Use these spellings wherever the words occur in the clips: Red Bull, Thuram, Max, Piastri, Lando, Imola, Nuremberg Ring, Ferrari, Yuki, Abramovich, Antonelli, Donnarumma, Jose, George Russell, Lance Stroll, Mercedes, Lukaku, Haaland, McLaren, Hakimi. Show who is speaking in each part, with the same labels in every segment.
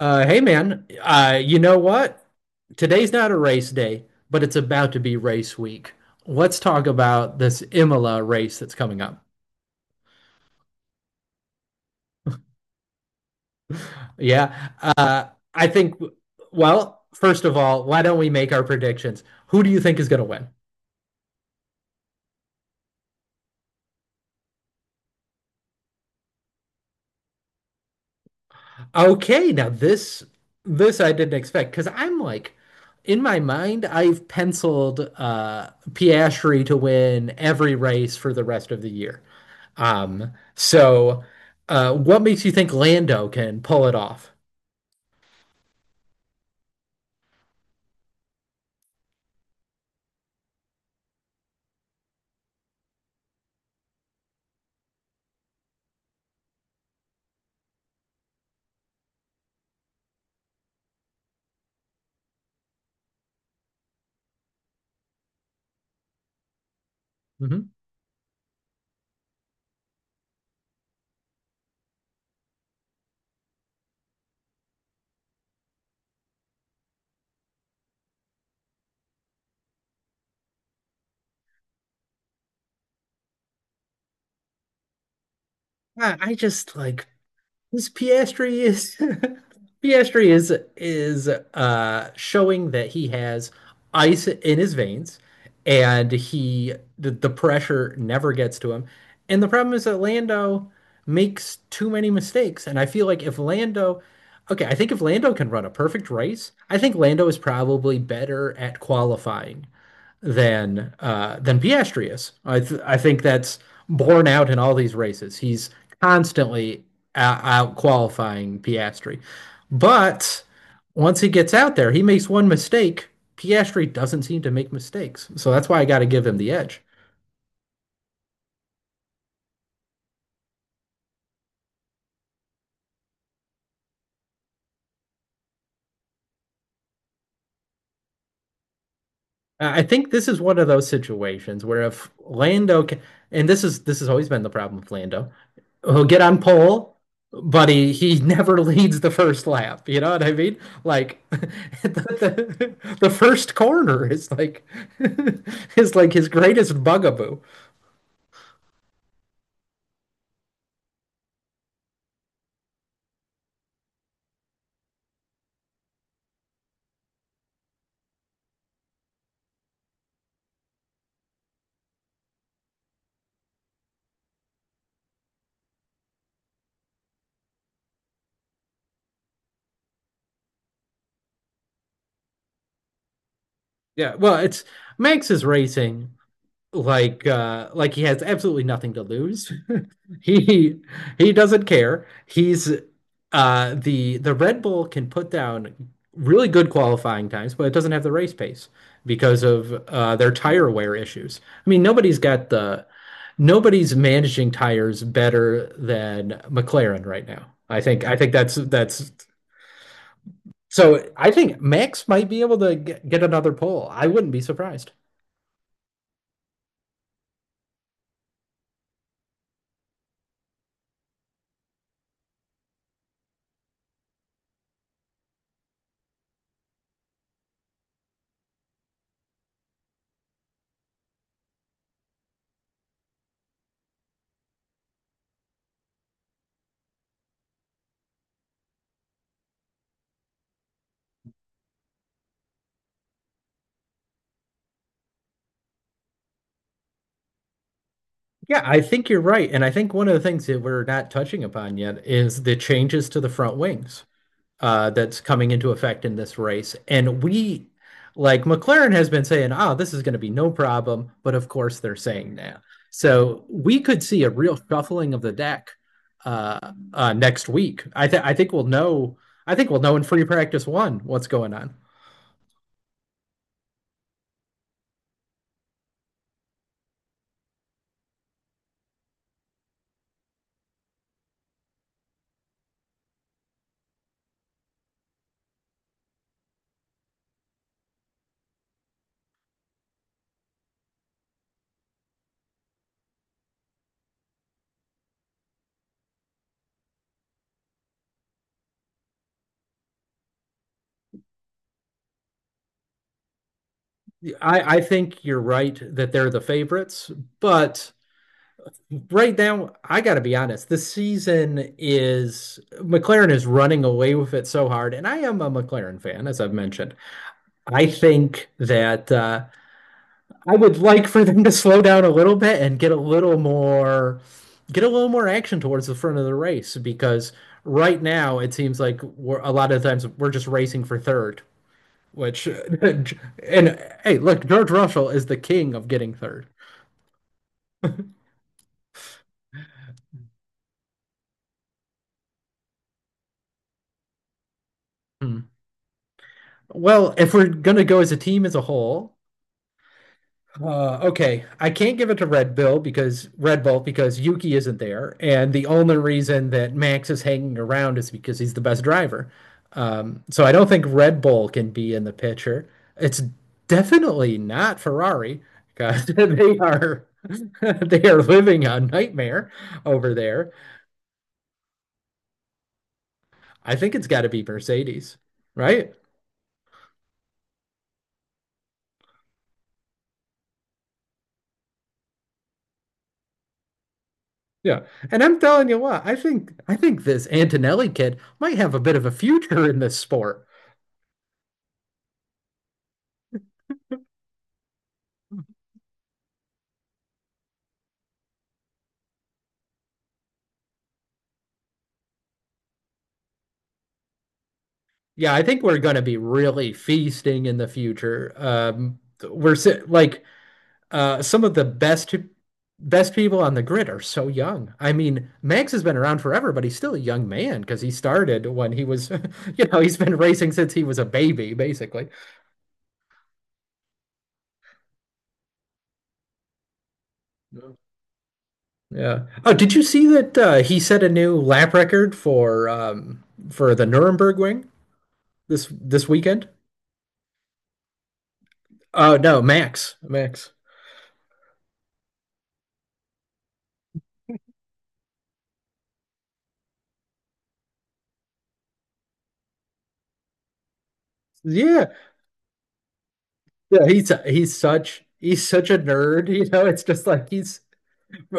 Speaker 1: Hey man, you know what? Today's not a race day, but it's about to be race week. Let's talk about this Imola race that's coming up. Yeah, uh, I think. First of all, why don't we make our predictions? Who do you think is going to win? Okay, now this I didn't expect because I'm like, in my mind, I've penciled Piastri to win every race for the rest of the year. Um, so what makes you think Lando can pull it off? Mhm. I just like. This Piastri is Piastri is showing that he has ice in his veins and the pressure never gets to him. And the problem is that Lando makes too many mistakes. And I feel like if Lando okay, I think if Lando can run a perfect race, I think Lando is probably better at qualifying than Piastri is. I think that's borne out in all these races. He's constantly out qualifying Piastri, but once he gets out there, he makes one mistake. Piastri doesn't seem to make mistakes, so that's why I got to give him the edge. I think this is one of those situations where if Lando, ca and this is this has always been the problem with Lando. He'll get on pole, but he never leads the first lap. You know what I mean? Like the first corner is like is like his greatest bugaboo. Yeah, well, it's Max is racing like he has absolutely nothing to lose. He he doesn't care. He's the Red Bull can put down really good qualifying times, but it doesn't have the race pace because of their tire wear issues. I mean, nobody's got the nobody's managing tires better than McLaren right now. I think that's so I think Max might be able to get another pole. I wouldn't be surprised. Yeah, I think you're right. And I think one of the things that we're not touching upon yet is the changes to the front wings. That's coming into effect in this race. And like McLaren has been saying, oh, this is going to be no problem. But of course, they're saying that. So we could see a real shuffling of the deck, uh, next week. I think we'll know. I think we'll know in free practice one what's going on. I think you're right that they're the favorites, but right now, I got to be honest. This season is McLaren is running away with it so hard, and I am a McLaren fan, as I've mentioned. I think that I would like for them to slow down a little bit and get a little more get a little more action towards the front of the race because right now it seems like we're a lot of times we're just racing for third, which and hey, look, George Russell is the king of getting third. Hmm. Well, if we're gonna go as a team as a whole, okay, I can't give it to Red Bull because Yuki isn't there, and the only reason that Max is hanging around is because he's the best driver. So I don't think Red Bull can be in the picture. It's definitely not Ferrari because they are they are living a nightmare over there. I think it's got to be Mercedes, right? Yeah. And I'm telling you what, I think this Antonelli kid might have a bit of a future in this sport. Yeah, I think we're going to be really feasting in the future. We're si- like Some of the best people on the grid are so young. I mean, Max has been around forever, but he's still a young man because he started when he was, you know, he's been racing since he was a baby, basically. Yeah. Yeah. Oh, did you see that he set a new lap record for the Nuremberg Ring? This weekend? Oh no, Max. Max. Yeah. He's such a nerd, you know. It's just like he's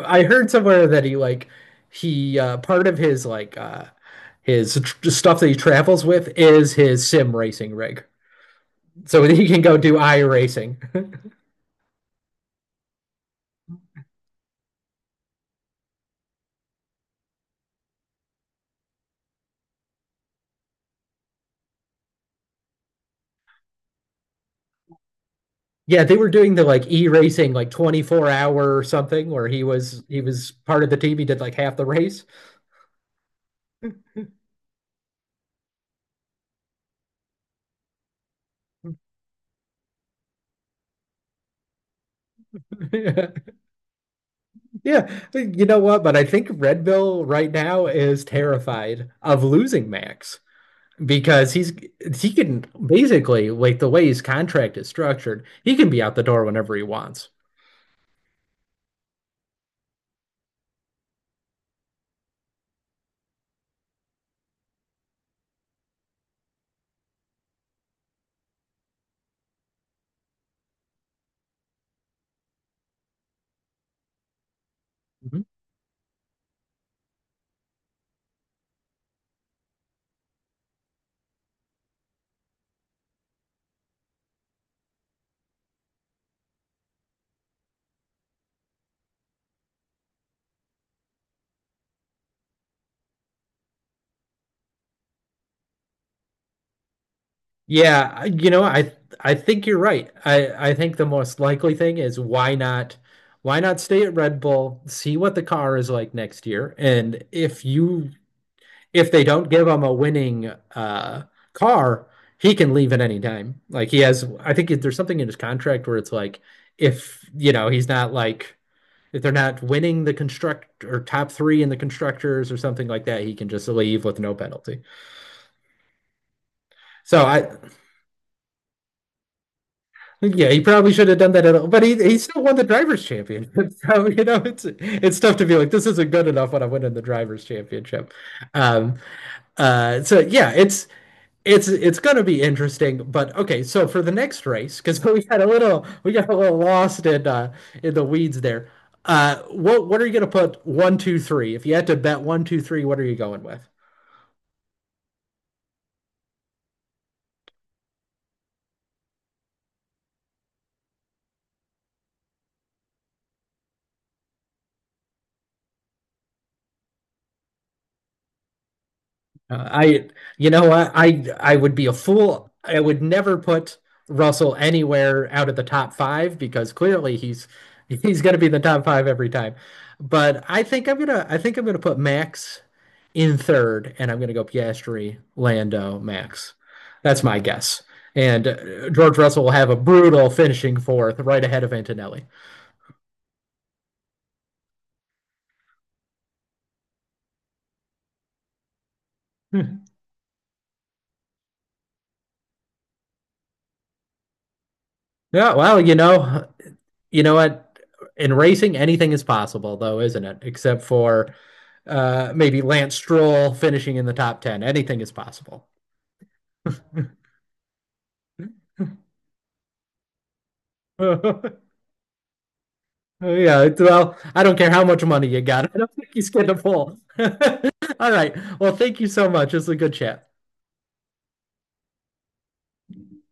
Speaker 1: I heard somewhere that he part of his like his tr stuff that he travels with is his sim racing rig. So he can go do I racing. Yeah, they were doing the like e-racing like 24 hour or something where he was part of the team, he did like half the race. Yeah, but you know what? But I think Red Bill right now is terrified of losing Max because he can basically, like the way his contract is structured, he can be out the door whenever he wants. You know, I think you're right. I think the most likely thing is why not stay at Red Bull, see what the car is like next year, and if they don't give him a winning uh car, he can leave at any time. Like he has I think there's something in his contract where it's like if, you know, he's not like if they're not winning the construct or top 3 in the constructors or something like that, he can just leave with no penalty. So I Yeah, he probably should have done that at all, but he still won the drivers' championship. So you know, it's tough to be like this isn't good enough when I'm winning the drivers' championship. Um, so yeah, it's it's gonna be interesting, but okay. So for the next race, because we got a little we got a little lost in the weeds there. What are you gonna put one, two, three? If you had to bet one, two, three, what are you going with? Uh, I, you know what? I would be a fool. I would never put Russell anywhere out of the top five because clearly he's going to be in the top five every time. But I think I'm gonna I think I'm gonna put Max in third, and I'm gonna go Piastri, Lando, Max. That's my guess. And George Russell will have a brutal finishing fourth, right ahead of Antonelli. Yeah, well, you know what? In racing, anything is possible, though, isn't it? Except for maybe Lance Stroll finishing in the top 10. Anything is possible. Yeah, well, I don't care how much money you got. I don't think he's going to pull. All right. Well, thank you so much. It's a good chat.